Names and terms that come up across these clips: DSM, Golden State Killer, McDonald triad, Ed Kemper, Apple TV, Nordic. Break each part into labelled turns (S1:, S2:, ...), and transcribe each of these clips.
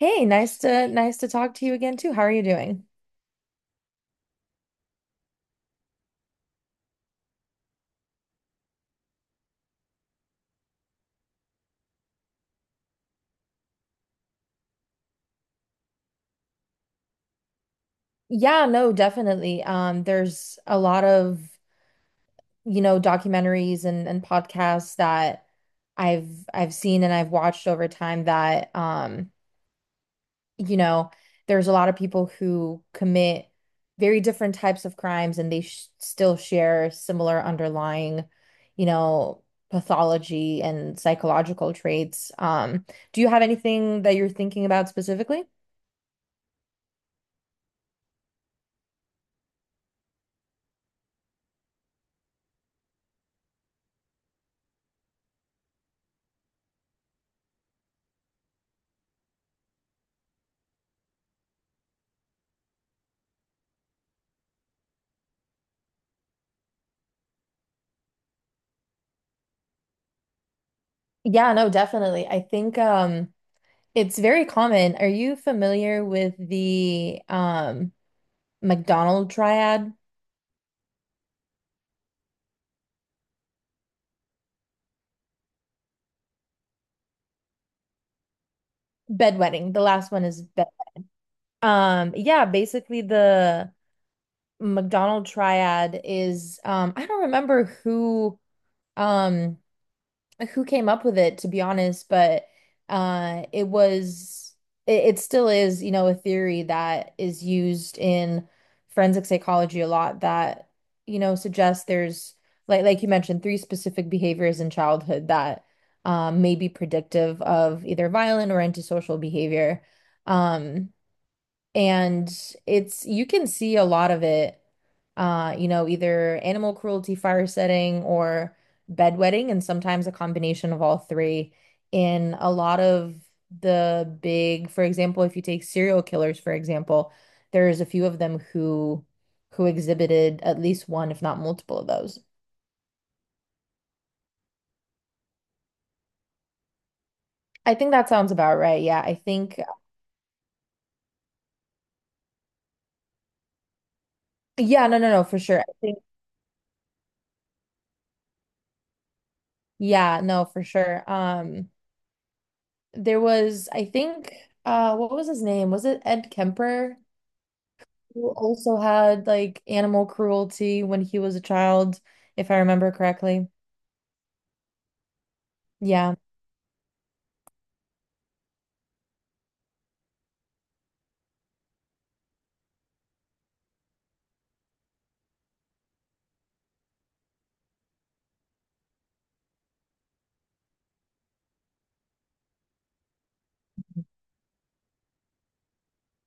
S1: Hey, nice to talk to you again too. How are you doing? Yeah, no, definitely. There's a lot of, documentaries and podcasts that I've I've seen and I've watched over time that you know, there's a lot of people who commit very different types of crimes and they sh still share similar underlying, you know, pathology and psychological traits. Do you have anything that you're thinking about specifically? Yeah, no, definitely. I think it's very common. Are you familiar with the McDonald triad? Bedwetting. The last one is bed. Yeah, basically the McDonald triad is. I don't remember who um who came up with it, to be honest, but uh, it was, it still is, a theory that is used in forensic psychology a lot that, suggests there's, like you mentioned, three specific behaviors in childhood that may be predictive of either violent or antisocial behavior. Um, and it's you can see a lot of it, either animal cruelty, fire setting, or bedwetting, and sometimes a combination of all three in a lot of for example, if you take serial killers, for example, there's a few of them who exhibited at least one, if not multiple of those. I think that sounds about right. Yeah, I think. Yeah, no, no, no, for sure. I think. Yeah, no, for sure. There was, I think, what was his name? Was it Ed Kemper, who also had like animal cruelty when he was a child, if I remember correctly? Yeah,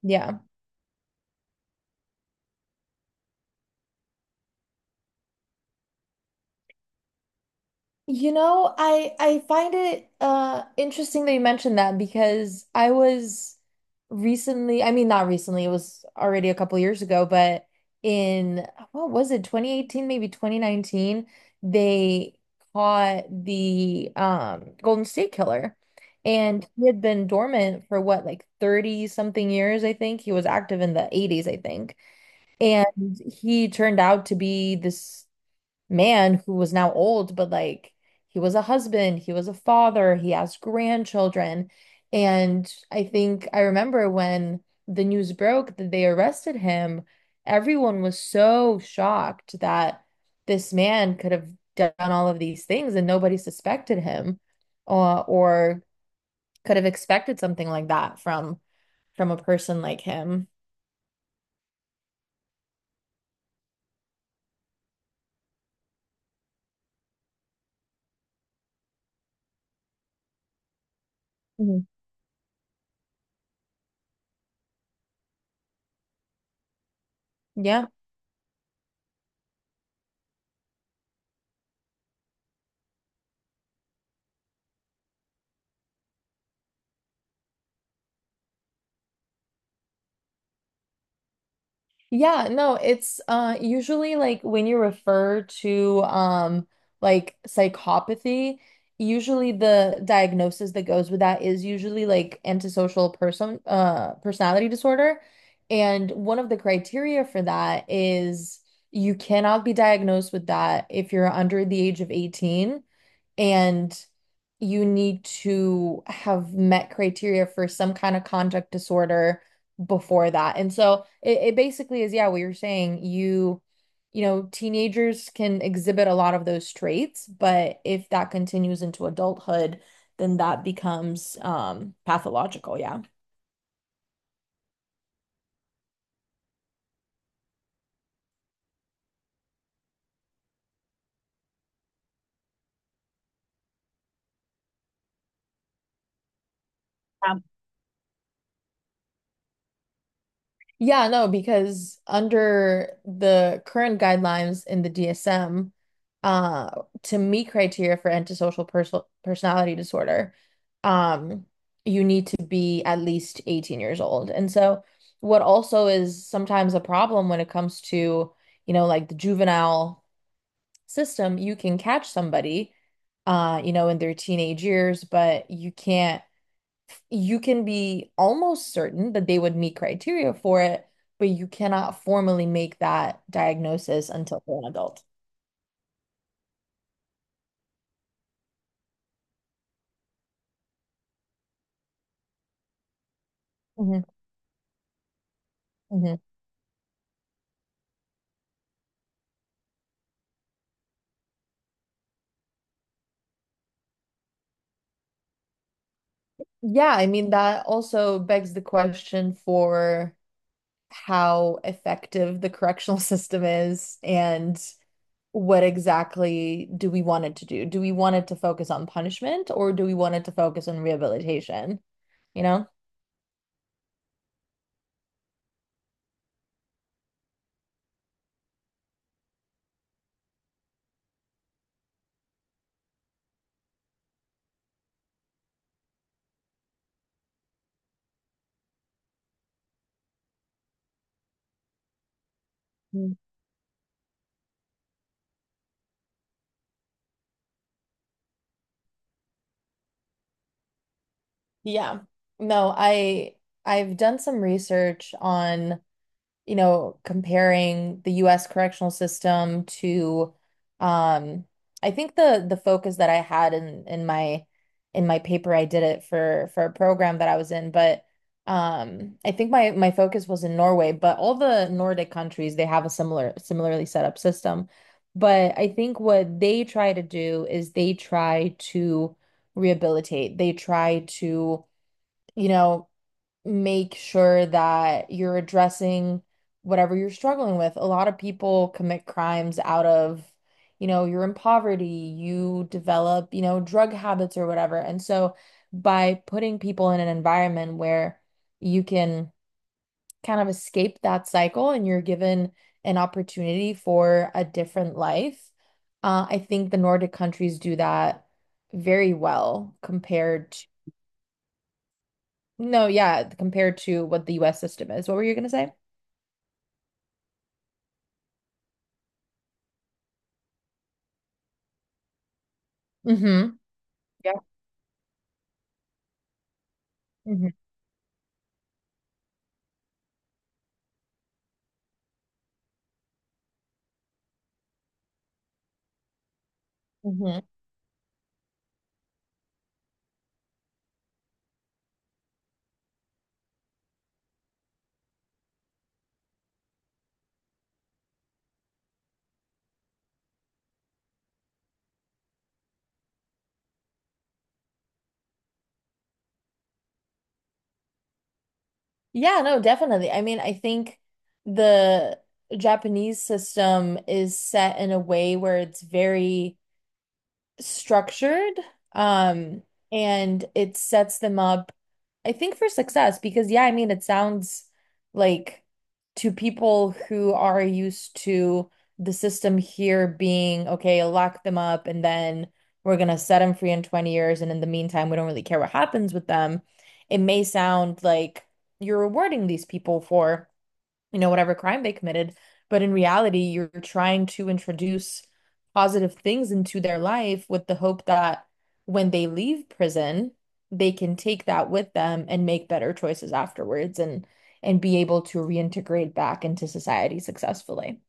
S1: yeah. You know, I find it interesting that you mentioned that because I was recently, I mean not recently, it was already a couple years ago, but in what was it, 2018, maybe 2019, they caught the Golden State Killer. And he had been dormant for what, like 30 something years, I think. He was active in the 80s, I think. And he turned out to be this man who was now old, but like he was a husband, he was a father, he has grandchildren. And I think I remember when the news broke that they arrested him, everyone was so shocked that this man could have done all of these things and nobody suspected him or could have expected something like that from a person like him. Mhm. Yeah. Yeah, no, it's usually like when you refer to like psychopathy, usually the diagnosis that goes with that is usually like antisocial personality disorder. And one of the criteria for that is you cannot be diagnosed with that if you're under the age of 18 and you need to have met criteria for some kind of conduct disorder before that. And so it basically is, yeah, what you're saying. Teenagers can exhibit a lot of those traits, but if that continues into adulthood, then that becomes pathological. Yeah. Yeah, no, because under the current guidelines in the DSM, to meet criteria for antisocial personality disorder, um, you need to be at least 18 years old. And so, what also is sometimes a problem when it comes to, like the juvenile system, you can catch somebody, in their teenage years, but you can't you can be almost certain that they would meet criteria for it, but you cannot formally make that diagnosis until they're an adult. Mhm, mhm. Yeah, I mean, that also begs the question for how effective the correctional system is and what exactly do we want it to do? Do we want it to focus on punishment or do we want it to focus on rehabilitation? You know? Mm. Yeah. No, I've done some research on, comparing the US correctional system to um I think the focus that I had in my paper. I did it for a program that I was in, but I think my focus was in Norway, but all the Nordic countries they have a similarly set up system. But I think what they try to do is they try to rehabilitate. They try to, you know, make sure that you're addressing whatever you're struggling with. A lot of people commit crimes out of, you're in poverty, you develop, drug habits or whatever. And so by putting people in an environment where you can kind of escape that cycle and you're given an opportunity for a different life, I think the Nordic countries do that very well compared. No, yeah, compared to what the US system is. What were you gonna say? Mm-hmm. Yeah. Hmm. Hmm. Yeah, no, definitely. I mean, I think the Japanese system is set in a way where it's very structured um and it sets them up I think for success because yeah I mean it sounds like to people who are used to the system here being okay, lock them up and then we're gonna set them free in 20 years and in the meantime we don't really care what happens with them, it may sound like you're rewarding these people for, whatever crime they committed. But in reality, you're trying to introduce positive things into their life with the hope that when they leave prison, they can take that with them and make better choices afterwards and be able to reintegrate back into society successfully.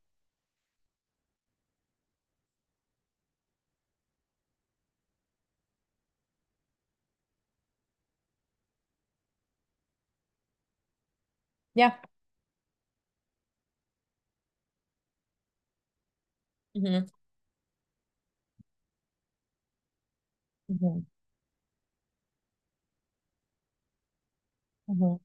S1: Yeah. Hmm. Hmm. Hmm.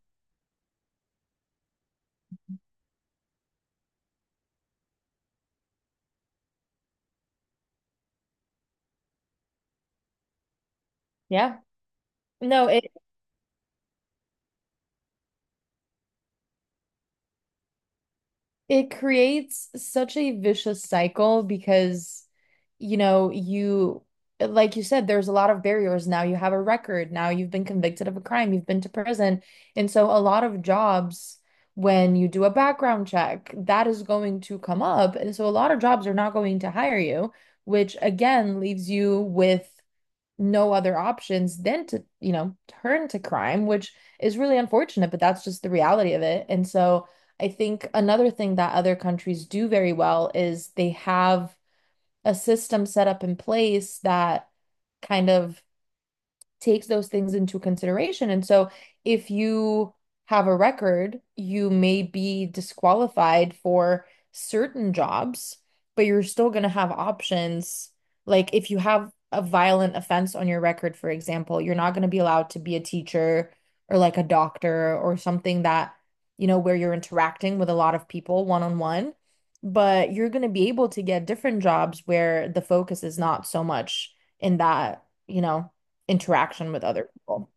S1: Yeah. No, It creates such a vicious cycle because, you, like you said, there's a lot of barriers. Now you have a record. Now you've been convicted of a crime. You've been to prison. And so a lot of jobs, when you do a background check, that is going to come up. And so a lot of jobs are not going to hire you, which again leaves you with no other options than to, turn to crime, which is really unfortunate, but that's just the reality of it. And so I think another thing that other countries do very well is they have a system set up in place that kind of takes those things into consideration. And so if you have a record, you may be disqualified for certain jobs, but you're still going to have options. Like if you have a violent offense on your record, for example, you're not going to be allowed to be a teacher or like a doctor or something that, where you're interacting with a lot of people one on one. But you're going to be able to get different jobs where the focus is not so much in that, interaction with other people.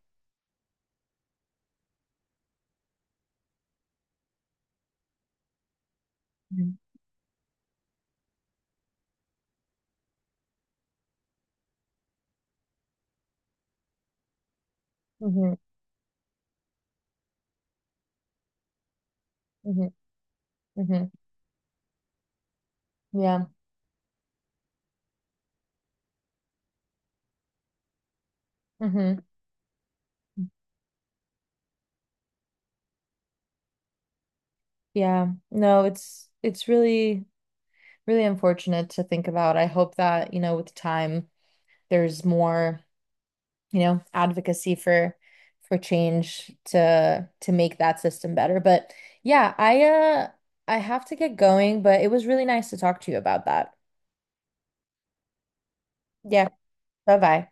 S1: Mm-hmm. Mm-hmm. Mm-hmm. Yeah. Mm-hmm. Yeah. No, it's really unfortunate to think about. I hope that, with time there's more, advocacy for change to make that system better. But yeah, I have to get going, but it was really nice to talk to you about that. Yeah. Bye-bye.